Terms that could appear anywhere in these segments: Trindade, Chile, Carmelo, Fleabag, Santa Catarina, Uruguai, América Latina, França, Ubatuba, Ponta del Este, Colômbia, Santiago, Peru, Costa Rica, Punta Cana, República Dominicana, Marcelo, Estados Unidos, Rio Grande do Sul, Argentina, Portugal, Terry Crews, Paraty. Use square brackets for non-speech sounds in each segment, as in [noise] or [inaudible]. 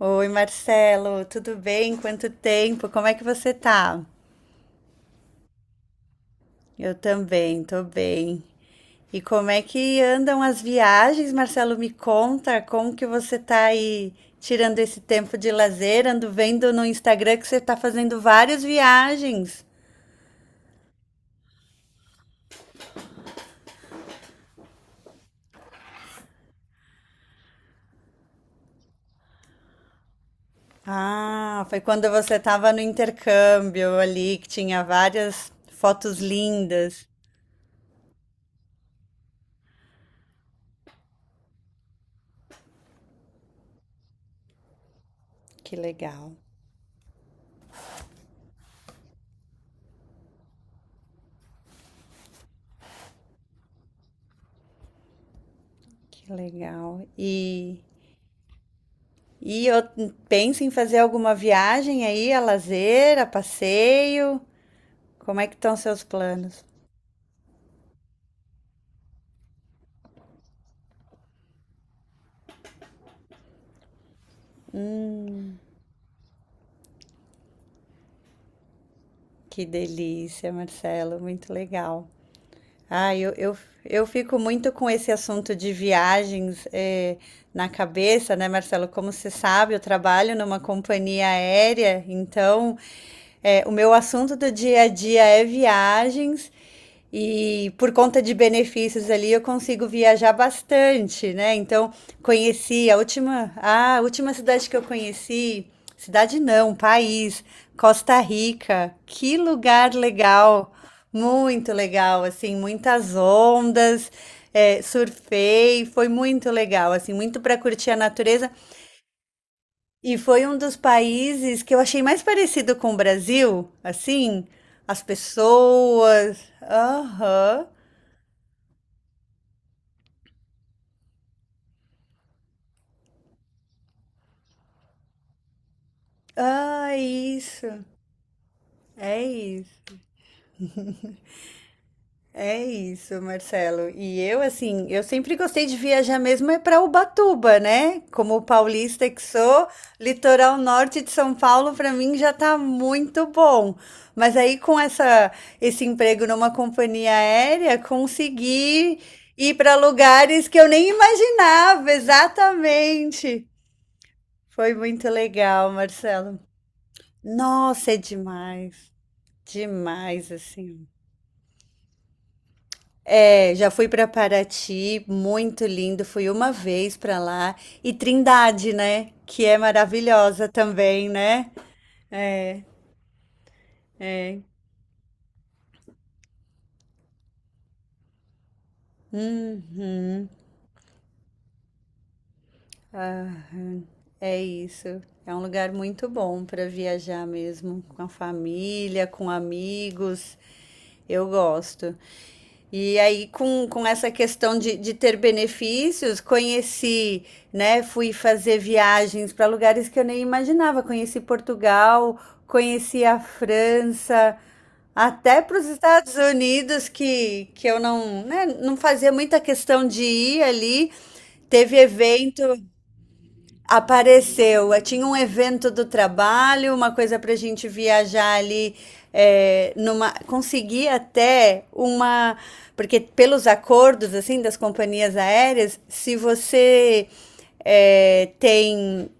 Oi, Marcelo, tudo bem? Quanto tempo? Como é que você tá? Eu também, tô bem. E como é que andam as viagens, Marcelo? Me conta, como que você tá aí tirando esse tempo de lazer? Ando vendo no Instagram que você tá fazendo várias viagens. Ah, foi quando você tava no intercâmbio ali, que tinha várias fotos lindas. Que legal, que legal. E eu pensa em fazer alguma viagem aí, a lazer, a passeio? Como é que estão seus planos? Hum, que delícia, Marcelo, muito legal. Ah, eu fico muito com esse assunto de viagens na cabeça, né, Marcelo? Como você sabe, eu trabalho numa companhia aérea, então é, o meu assunto do dia a dia é viagens e por conta de benefícios ali eu consigo viajar bastante, né? Então conheci a última, ah, a última cidade que eu conheci, cidade não, país, Costa Rica. Que lugar legal, muito legal, assim, muitas ondas. É, surfei, foi muito legal, assim, muito para curtir a natureza, e foi um dos países que eu achei mais parecido com o Brasil, assim, as pessoas. Aham. Ah, isso. É isso. É isso, Marcelo. E eu, assim, eu sempre gostei de viajar mesmo é para Ubatuba, né? Como paulista que sou, litoral norte de São Paulo para mim já tá muito bom. Mas aí com essa, esse emprego numa companhia aérea, consegui ir para lugares que eu nem imaginava, exatamente. Foi muito legal, Marcelo. Nossa, é demais. Demais, assim. É, já fui para Paraty, muito lindo. Fui uma vez para lá. E Trindade, né? Que é maravilhosa também, né? É. Uhum. Aham. É isso. É um lugar muito bom para viajar mesmo, com a família, com amigos. Eu gosto. E aí, com essa questão de ter benefícios, conheci, né? Fui fazer viagens para lugares que eu nem imaginava. Conheci Portugal, conheci a França, até para os Estados Unidos, que eu não, né, não fazia muita questão de ir ali. Teve evento. Apareceu. Eh, tinha um evento do trabalho, uma coisa para a gente viajar ali. É, numa, consegui até uma. Porque pelos acordos assim das companhias aéreas, se você é, tem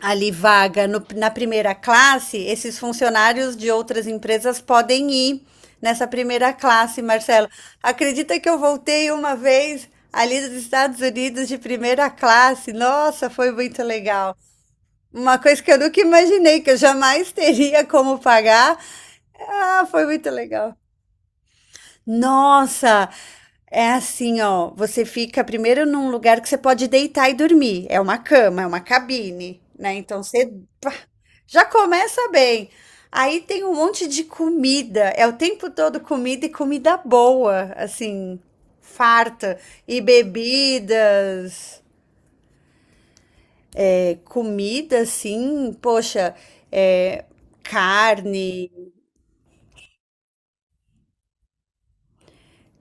ali vaga no- na primeira classe, esses funcionários de outras empresas podem ir nessa primeira classe, Marcelo. Acredita que eu voltei uma vez ali dos Estados Unidos de primeira classe? Nossa, foi muito legal. Uma coisa que eu nunca imaginei, que eu jamais teria como pagar. Ah, foi muito legal. Nossa, é assim, ó. Você fica primeiro num lugar que você pode deitar e dormir. É uma cama, é uma cabine, né? Então você já começa bem. Aí tem um monte de comida. É o tempo todo comida e comida boa, assim, farta. E bebidas, é, comida, assim, poxa, é, carne,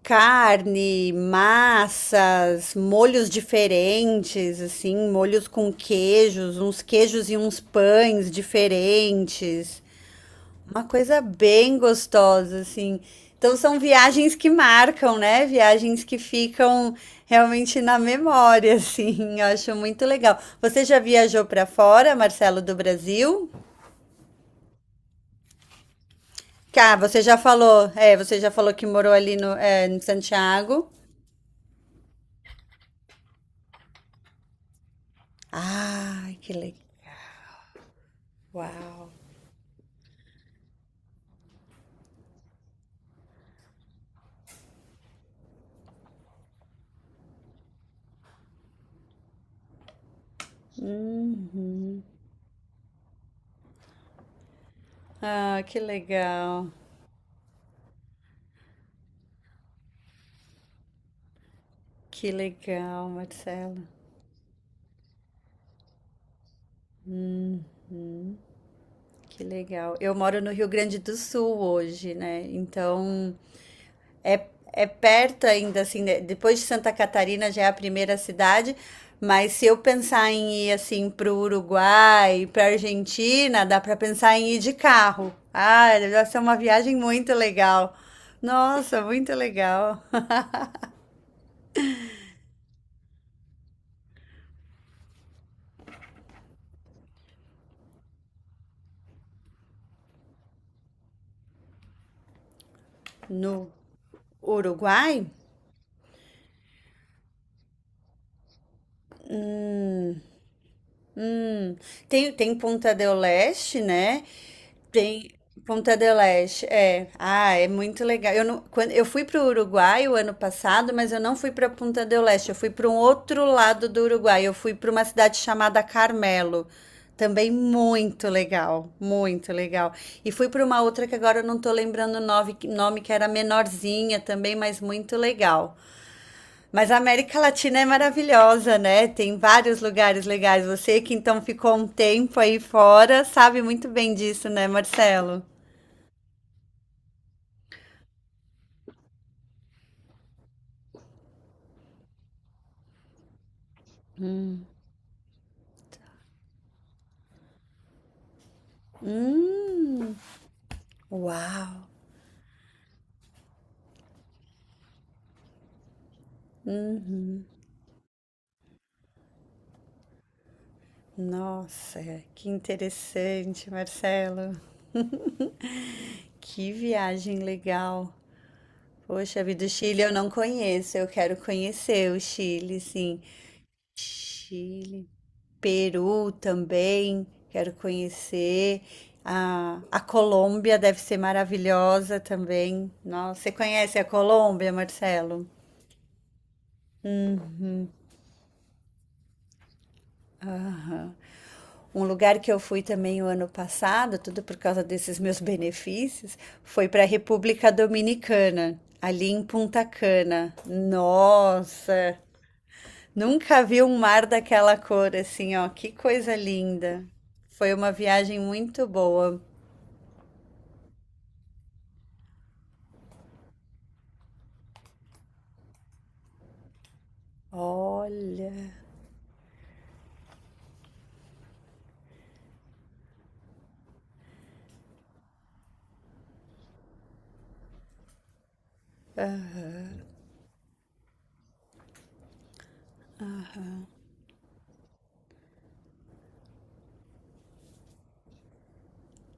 carne, massas, molhos diferentes, assim, molhos com queijos, uns queijos e uns pães diferentes. Uma coisa bem gostosa, assim. Então são viagens que marcam, né? Viagens que ficam realmente na memória, assim. [laughs] Eu acho muito legal. Você já viajou para fora, Marcelo, do Brasil? Cá, você já falou, é, você já falou que morou ali no, é, em Santiago. Ah, que legal. Uau. Uhum. Ah, que legal. Que legal, Marcelo. Que legal. Eu moro no Rio Grande do Sul hoje, né? Então, é, é perto ainda, assim, de- depois de Santa Catarina já é a primeira cidade, mas se eu pensar em ir, assim, pro Uruguai, pra Argentina, dá pra pensar em ir de carro. Ah, deve ser uma viagem muito legal. Nossa, muito legal. [laughs] No Uruguai? Hum, tem Ponta del Este, né? Tem Ponta del Este, é. Ah, é muito legal. Eu, não, quando, eu fui para o Uruguai o ano passado, mas eu não fui para Ponta del Este, eu fui para um outro lado do Uruguai. Eu fui para uma cidade chamada Carmelo. Também muito legal, muito legal. E fui para uma outra que agora eu não tô lembrando o nome, que era menorzinha também, mas muito legal. Mas a América Latina é maravilhosa, né? Tem vários lugares legais. Você que então ficou um tempo aí fora, sabe muito bem disso, né, Marcelo? Hum, uau. Uhum. Nossa, que interessante, Marcelo. [laughs] Que viagem legal. Poxa vida, o Chile eu não conheço. Eu quero conhecer o Chile, sim. Chile. Peru também, quero conhecer. A Colômbia deve ser maravilhosa também. Nossa, você conhece a Colômbia, Marcelo? Aham. Um lugar que eu fui também o ano passado, tudo por causa desses meus benefícios, foi para a República Dominicana, ali em Punta Cana. Nossa, nunca vi um mar daquela cor assim, ó, que coisa linda. Foi uma viagem muito boa. Olha.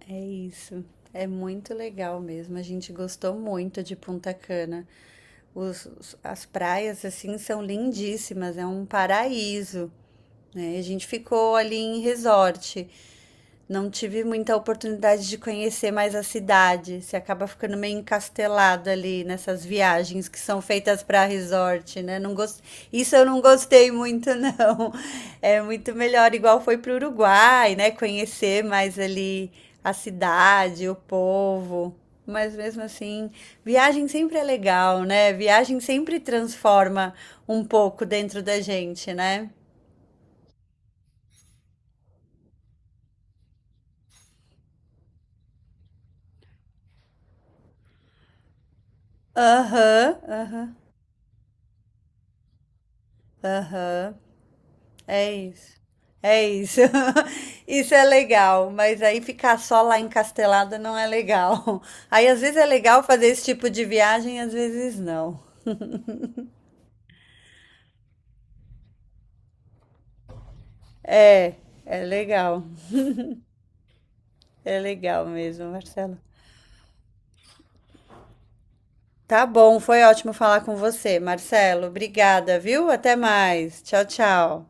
É isso. É muito legal mesmo. A gente gostou muito de Punta Cana. Os- as praias, assim, são lindíssimas. É um paraíso, né? A gente ficou ali em resort. Não tive muita oportunidade de conhecer mais a cidade. Você acaba ficando meio encastelado ali nessas viagens que são feitas para resort, né? Não gost... Isso eu não gostei muito, não. [laughs] É muito melhor, igual foi para o Uruguai, né? Conhecer mais ali a cidade, o povo. Mas mesmo assim, viagem sempre é legal, né? Viagem sempre transforma um pouco dentro da gente, né? Aham, aham, aham. É isso. É isso. [laughs] Isso é legal, mas aí ficar só lá encastelada não é legal. [laughs] Aí às vezes é legal fazer esse tipo de viagem, às vezes não. É, é legal. É legal mesmo, Marcelo. Tá bom, foi ótimo falar com você, Marcelo. Obrigada, viu? Até mais. Tchau, tchau.